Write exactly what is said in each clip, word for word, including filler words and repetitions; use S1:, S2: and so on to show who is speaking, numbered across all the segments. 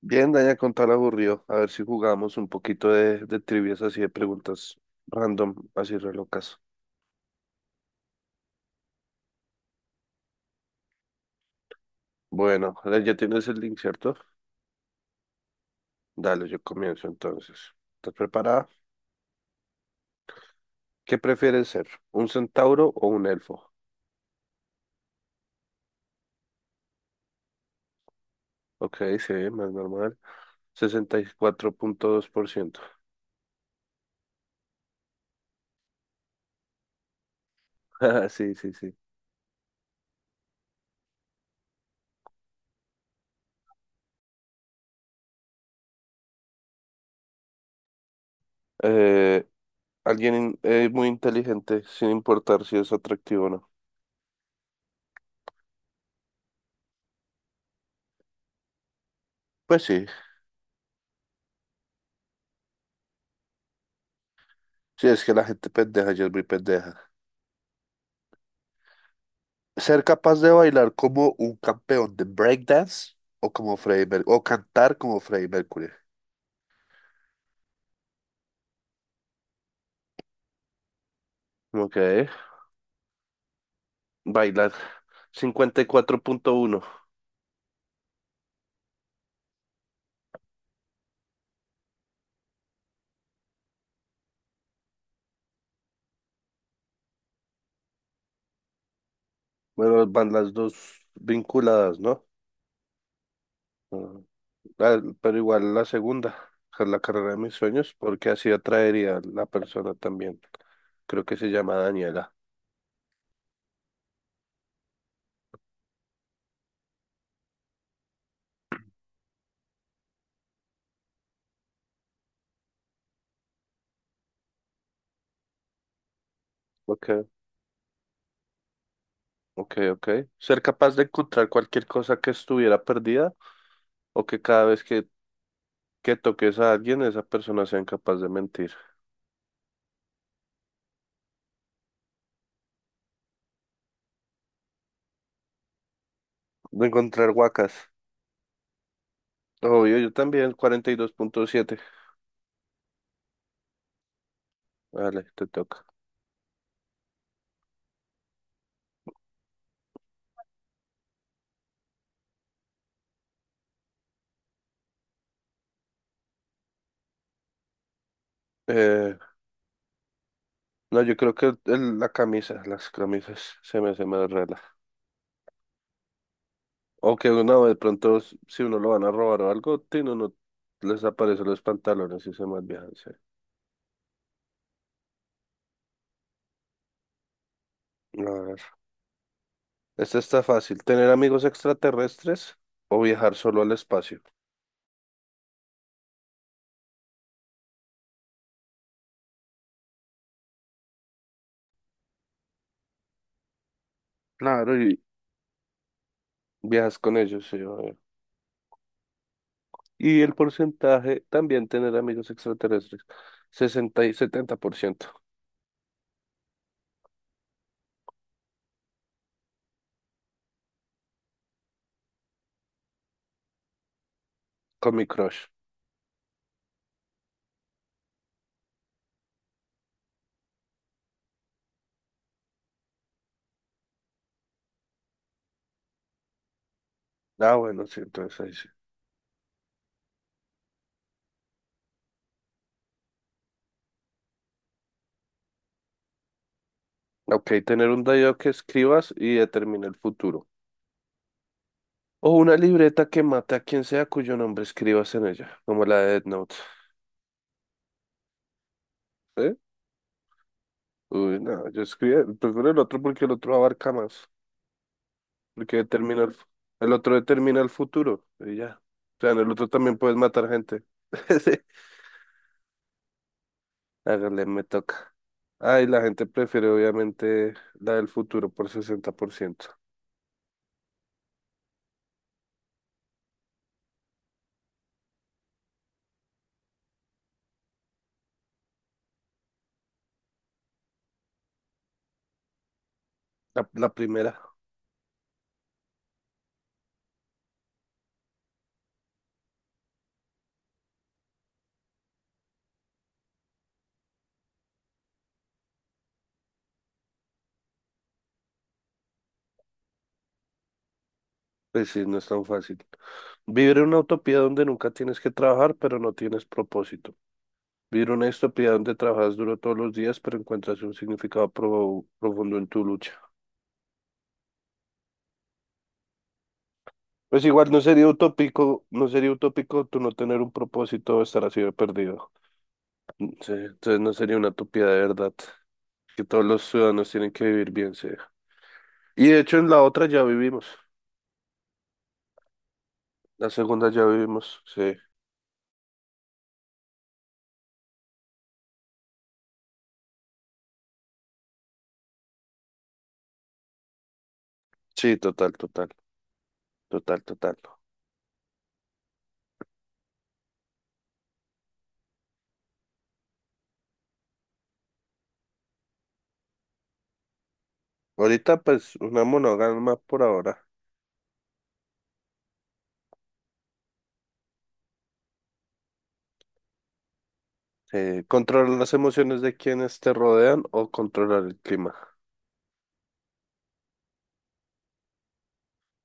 S1: Bien, Daña, con tal aburrido. A ver si jugamos un poquito de, de trivias así de preguntas random, así re locas. Bueno, ahora ya tienes el link, ¿cierto? Dale, yo comienzo entonces. ¿Estás preparada? ¿Qué prefieres ser? ¿Un centauro o un elfo? Ok, sí, más normal. sesenta y cuatro punto dos por ciento. Ah, sí, sí, sí. Eh, Alguien in- eh, muy inteligente, sin importar si es atractivo o no. Pues sí, sí, es que la gente pendeja, yo es muy pendeja. Ser capaz de bailar como un campeón de breakdance o como Freddie Mercury, o cantar como Freddie Mercury. Ok, bailar. Cincuenta y cuatro punto uno. Bueno, van las dos vinculadas, ¿no? Ah, la- pero igual la segunda, que es la carrera de mis sueños, porque así atraería a la persona también. Creo que se llama Daniela. Ok, ok, ok. Ser capaz de encontrar cualquier cosa que estuviera perdida o que cada vez que, que toques a alguien, esa persona sea incapaz de mentir. De encontrar huacas. Obvio, yo también, cuarenta y dos punto siete. Vale, te toca. Eh, no, yo creo que el- la camisa, las camisas, se me se me rela. O que uno de pronto, s- si uno lo van a robar o algo, tino, no no les aparecen los pantalones y se malviajan, sí. A ver, esta está fácil. ¿Tener amigos extraterrestres o viajar solo al espacio? Claro, y viajas con ellos, sí, obvio. Y el porcentaje, también tener amigos extraterrestres, sesenta y setenta por ciento con mi crush. Ah, bueno, sí, entonces ahí sí. Ok, tener un diario que escribas y determine el futuro. O una libreta que mate a quien sea cuyo nombre escribas en ella, como la de Death Note. ¿Eh? Uy, no, yo escribí, prefiero el otro porque el otro abarca más, porque determina el, el otro determina el futuro, y ya. O sea, en el otro también puedes matar gente. Sí. Hágale, me toca. Ay, la gente prefiere obviamente la del futuro por sesenta por ciento. La, la primera, pues sí, no es tan fácil. Vivir en una utopía donde nunca tienes que trabajar, pero no tienes propósito. Vivir una utopía donde trabajas duro todos los días, pero encuentras un significado pro- profundo en tu lucha. Pues igual no sería utópico, no sería utópico tú no tener un propósito o estar así de perdido. Mm, sí, entonces no sería una utopía de verdad, que todos los ciudadanos tienen que vivir bien, sí. Y de hecho en la otra ya vivimos, la segunda ya vivimos, sí. Sí, total, total, total, total. Ahorita pues una monógama por ahora. Eh, controlar las emociones de quienes te rodean o controlar el clima.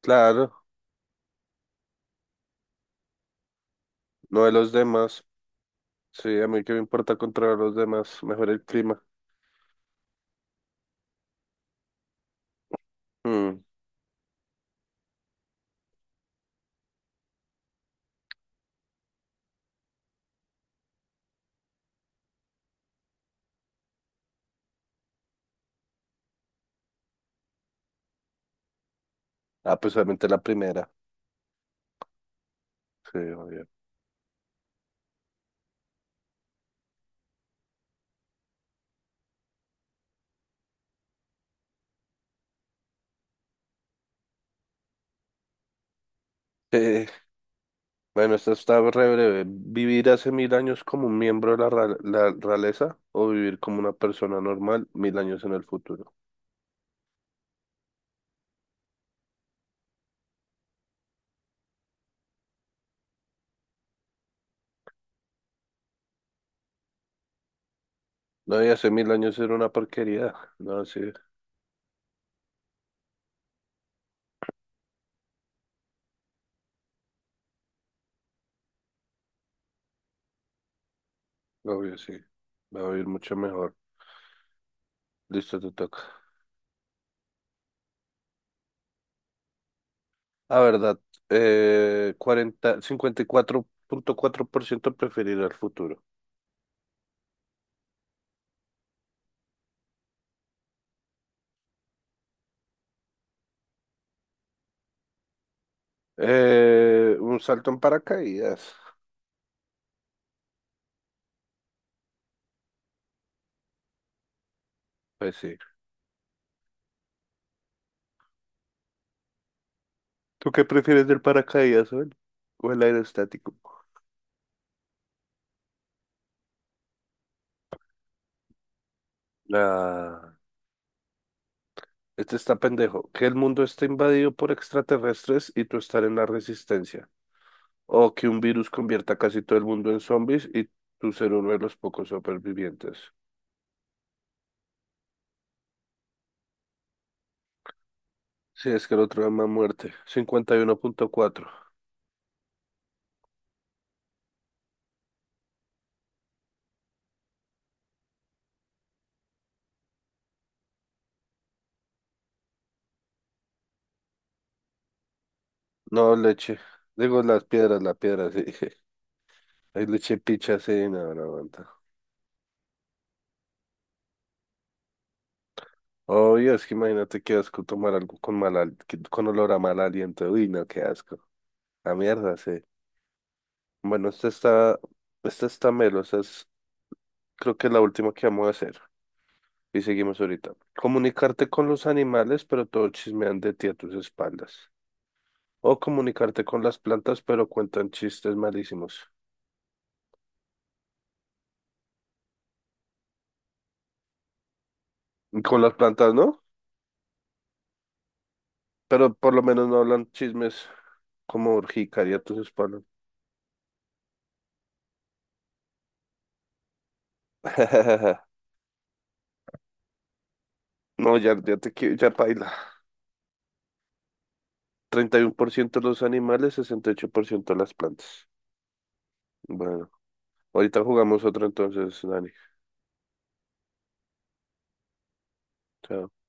S1: Claro, no de los demás. Sí, a mí que me importa controlar a los demás, mejor el clima. Mm. Ah, pues obviamente la primera. Sí, obvio. Eh, bueno, esta está re breve. ¿Vivir hace mil años como un miembro de la, ra- la realeza o vivir como una persona normal mil años en el futuro? No, y hace mil años era una porquería. No, sí, obvio, sí. Va a vivir mucho mejor. Listo, te toca. La verdad, eh, cuarenta cincuenta y cuatro cuatro punto cuatro por ciento preferir el futuro. Eh, un salto en paracaídas. Pues sí. ¿Tú qué prefieres del paracaídas o el, o el aerostático? La... Este está pendejo. Que el mundo esté invadido por extraterrestres y tú estar en la resistencia. O que un virus convierta casi todo el mundo en zombies y tú ser uno de los pocos supervivientes. Sí, es que el otro llama muerte. Cincuenta y uno punto cuatro. No, leche. Digo las piedras, la piedra, sí. Hay leche picha, sí, no, no aguanta. Obvio, es que imagínate qué asco tomar algo con mal, al- que- con olor a mal aliento. Uy, no, qué asco. La mierda, sí. Bueno, esta está, esta está melo, esta es, creo que es la última que vamos a hacer. Y seguimos ahorita. Comunicarte con los animales, pero todos chismean de ti a tus espaldas. O comunicarte con las plantas, pero cuentan chistes malísimos. Con las plantas, ¿no? Pero por lo menos no hablan chismes. Como urgicaria tus espaldas. No, ya, ya te quiero, ya paila. Treinta y uno por ciento los animales, sesenta y ocho por ciento las plantas. Bueno, ahorita jugamos otro entonces, Dani. Chao.